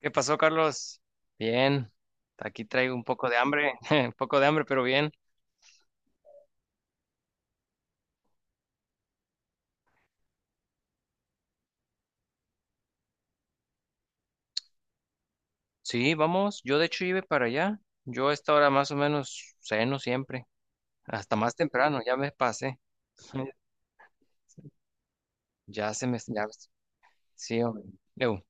¿Qué pasó, Carlos? Bien, aquí traigo un poco de hambre, un poco de hambre, pero bien. Sí, vamos, yo de hecho iba para allá. Yo a esta hora más o menos ceno siempre, hasta más temprano, ya me pasé. Ya se me. Ya, sí, hombre. Eu,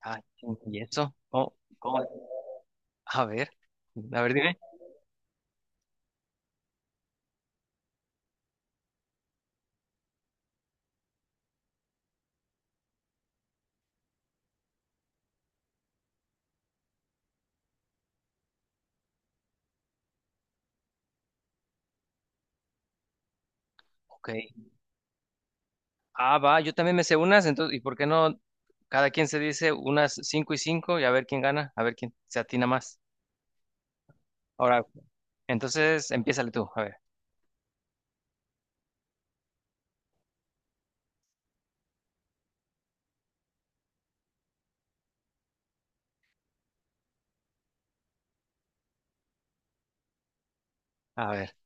Ay, ¿y eso? ¿Cómo? ¿Cómo? A ver, a ver, dime. Ok. Ah, va, yo también me sé unas, entonces, ¿y por qué no cada quien se dice unas cinco y cinco y a ver quién gana, a ver quién se atina más? Ahora, entonces, empiézale tú, a ver. A ver,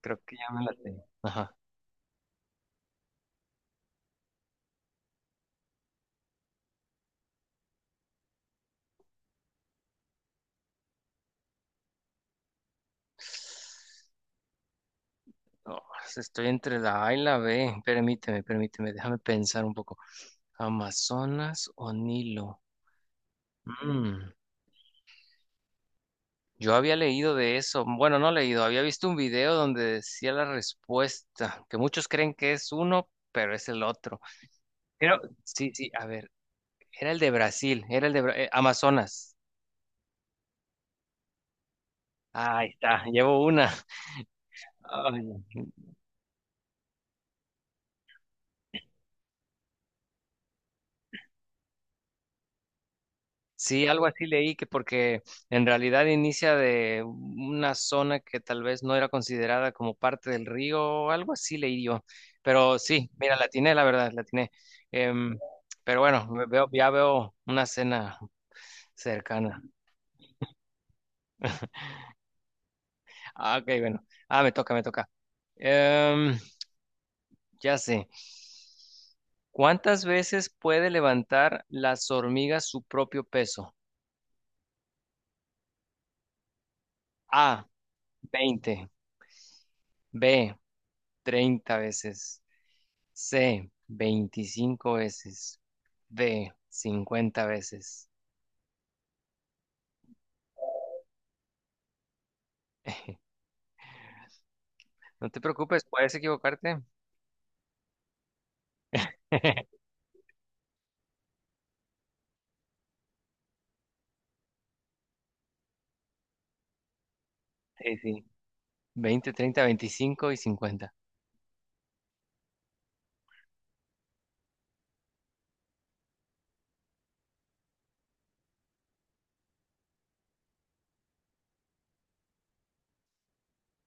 creo que ya me la tengo. Ajá. No, pues, estoy entre la A y la B. Permíteme, déjame pensar un poco. ¿Amazonas o Nilo? Mm, Yo había leído de eso. Bueno, no leído, había visto un video donde decía la respuesta, que muchos creen que es uno, pero es el otro. Pero, sí, sí, a ver, era el de Brasil, era el de Amazonas. Ah, ahí está, llevo una. Ay, sí, algo así leí que porque en realidad inicia de una zona que tal vez no era considerada como parte del río, algo así leí yo. Pero sí, mira, la atiné, la verdad, la atiné. Em, pero bueno, me veo, ya veo una cena cercana. Ah, ok, bueno. Ah, me toca, me toca. Em, ya sé. ¿Cuántas veces puede levantar las hormigas su propio peso? A, 20, B, 30 veces, C, 25 veces. D, 50 veces. No te preocupes, puedes equivocarte. Sí, sí. 20, 30, 25 y cincuenta.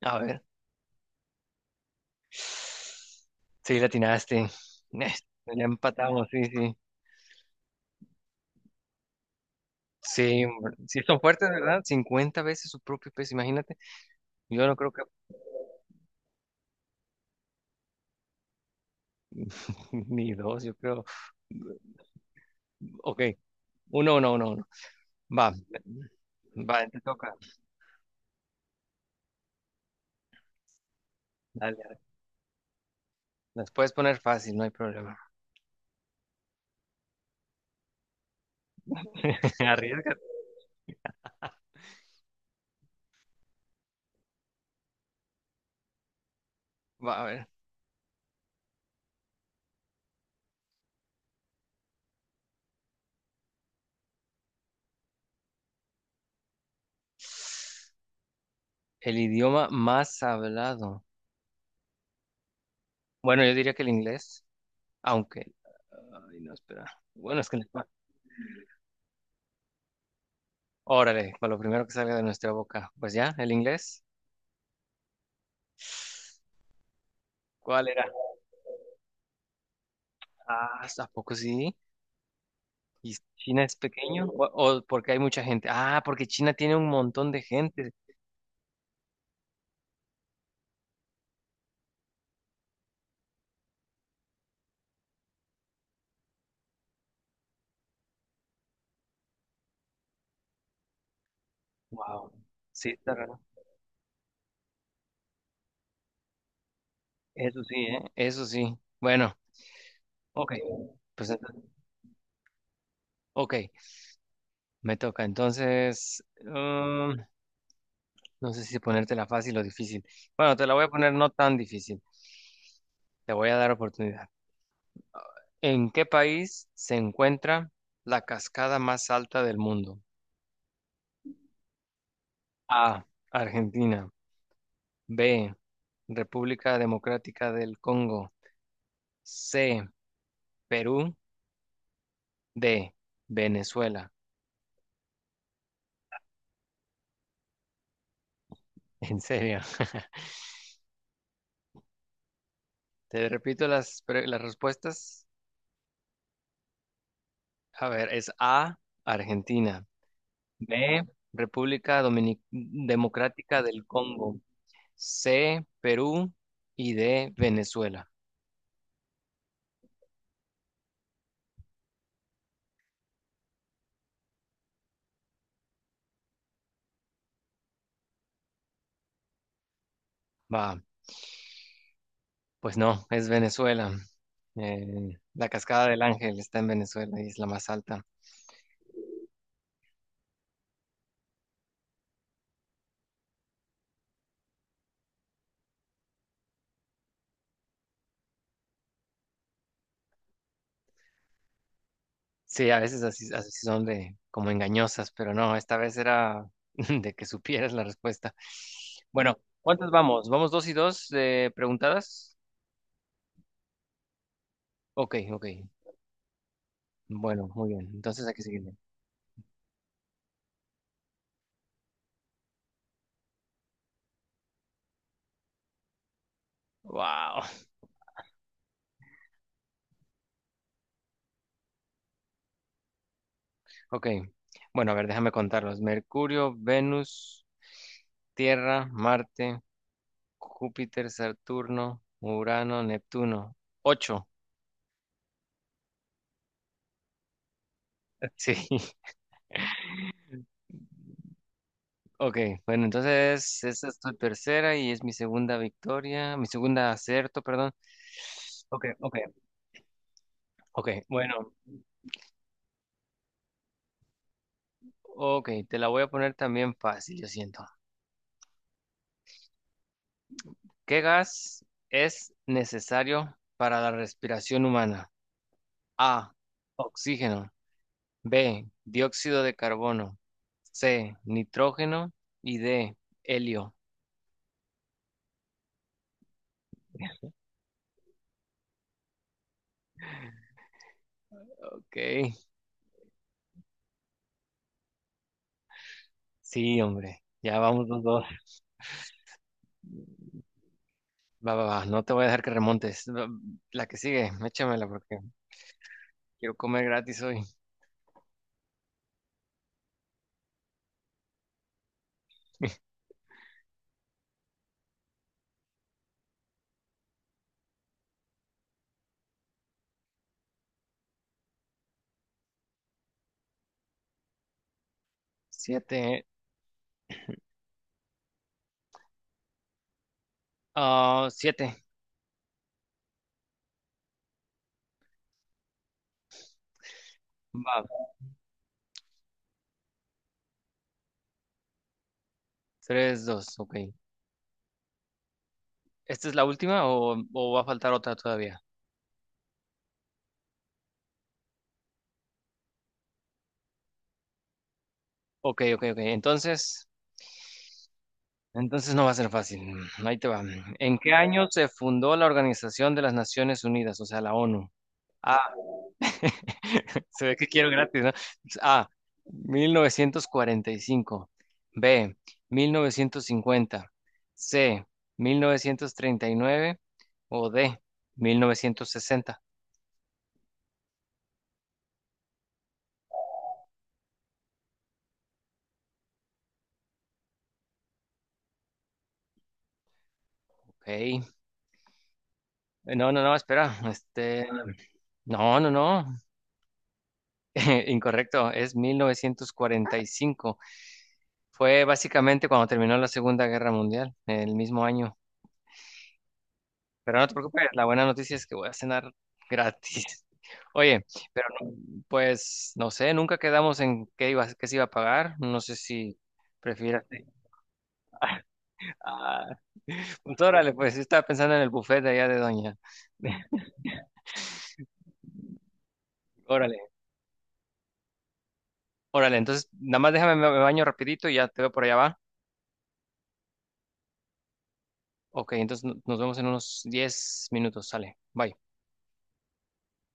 A ver. Sí, la atinaste. Ya empatamos, sí, sí. Sí, hombre. Sí son fuertes, ¿verdad? 50 veces su propio peso, imagínate. Yo no creo que ni dos, yo creo. Ok, uno, uno, uno, uno. Va, va, te toca. Dale, dale. Las puedes poner fácil, no hay problema. Arriesga. Va a ver, el idioma más hablado. Bueno, yo diría que el inglés, aunque. Ay, no, espera. Bueno, es que. Órale, para lo primero que salga de nuestra boca. Pues ya, el inglés. ¿Cuál era? Ah, ¿a poco sí? ¿Y China es pequeño? ¿O porque hay mucha gente? Ah, porque China tiene un montón de gente. Wow. Sí, está raro. Eso sí, ¿eh? Eso sí. Bueno, ok. Pues, entonces- ok, me toca. Entonces, no sé si ponértela fácil o difícil. Bueno, te la voy a poner no tan difícil. Te voy a dar oportunidad. ¿En qué país se encuentra la cascada más alta del mundo? A. Argentina. B. República Democrática del Congo. C. Perú. D. Venezuela. En serio. Te repito las respuestas. A ver, es A, Argentina. B, República Democrática del Congo. C, Perú y D, Venezuela. Va, pues no, es Venezuela. Eh, la Cascada del Ángel está en Venezuela y es la más alta. Sí, a veces así, así son de como engañosas, pero no, esta vez era de que supieras la respuesta. Bueno, ¿cuántas vamos? ¿Vamos dos y dos preguntadas? Ok, ok. Bueno, muy bien. Entonces hay que seguirle. Wow. Ok. Bueno, a ver, déjame contarlos. Mercurio, Venus, Tierra, Marte. Júpiter, Saturno, Urano, Neptuno. Ocho. Sí, ok. Bueno, entonces esta es tu tercera y es mi segunda victoria, mi segunda acierto, perdón. Ok, ok, ok. Bueno, ok, te la voy a poner también fácil, yo siento. ¿Qué gas es necesario para la respiración humana? A, oxígeno. B, dióxido de carbono. C, nitrógeno. Y D, helio. Ok. Sí, hombre. Ya vamos los dos. Va, va, va. No te voy a dejar que remontes. La que sigue, échamela porque quiero comer gratis hoy. Siete. Ah, siete. Va. Tres, dos. Ok. ¿Esta es la última o va a faltar otra todavía? Ok, ok, ok. Entonces, no va a ser fácil. Ahí te va. ¿En qué año se fundó la Organización de las Naciones Unidas, o sea, la ONU? Se ve que quiero gratis, ¿no? A, 1945. B, 1950. C, 1939. O D, 1960. Ok. No, no, no, espera. Este, no, no, no. Incorrecto. Es 1945. Fue básicamente cuando terminó la Segunda Guerra Mundial, el mismo año. Pero no te preocupes, la buena noticia es que voy a cenar gratis. Oye, pero pues no sé, nunca quedamos en qué iba, qué se iba a pagar. No sé si prefieras. Ah, pues órale, pues yo estaba pensando en el buffet de allá de Doña. Órale, órale, entonces nada más déjame, me baño rapidito y ya te veo por allá va. Ok, entonces nos vemos en unos 10 minutos, sale. Bye.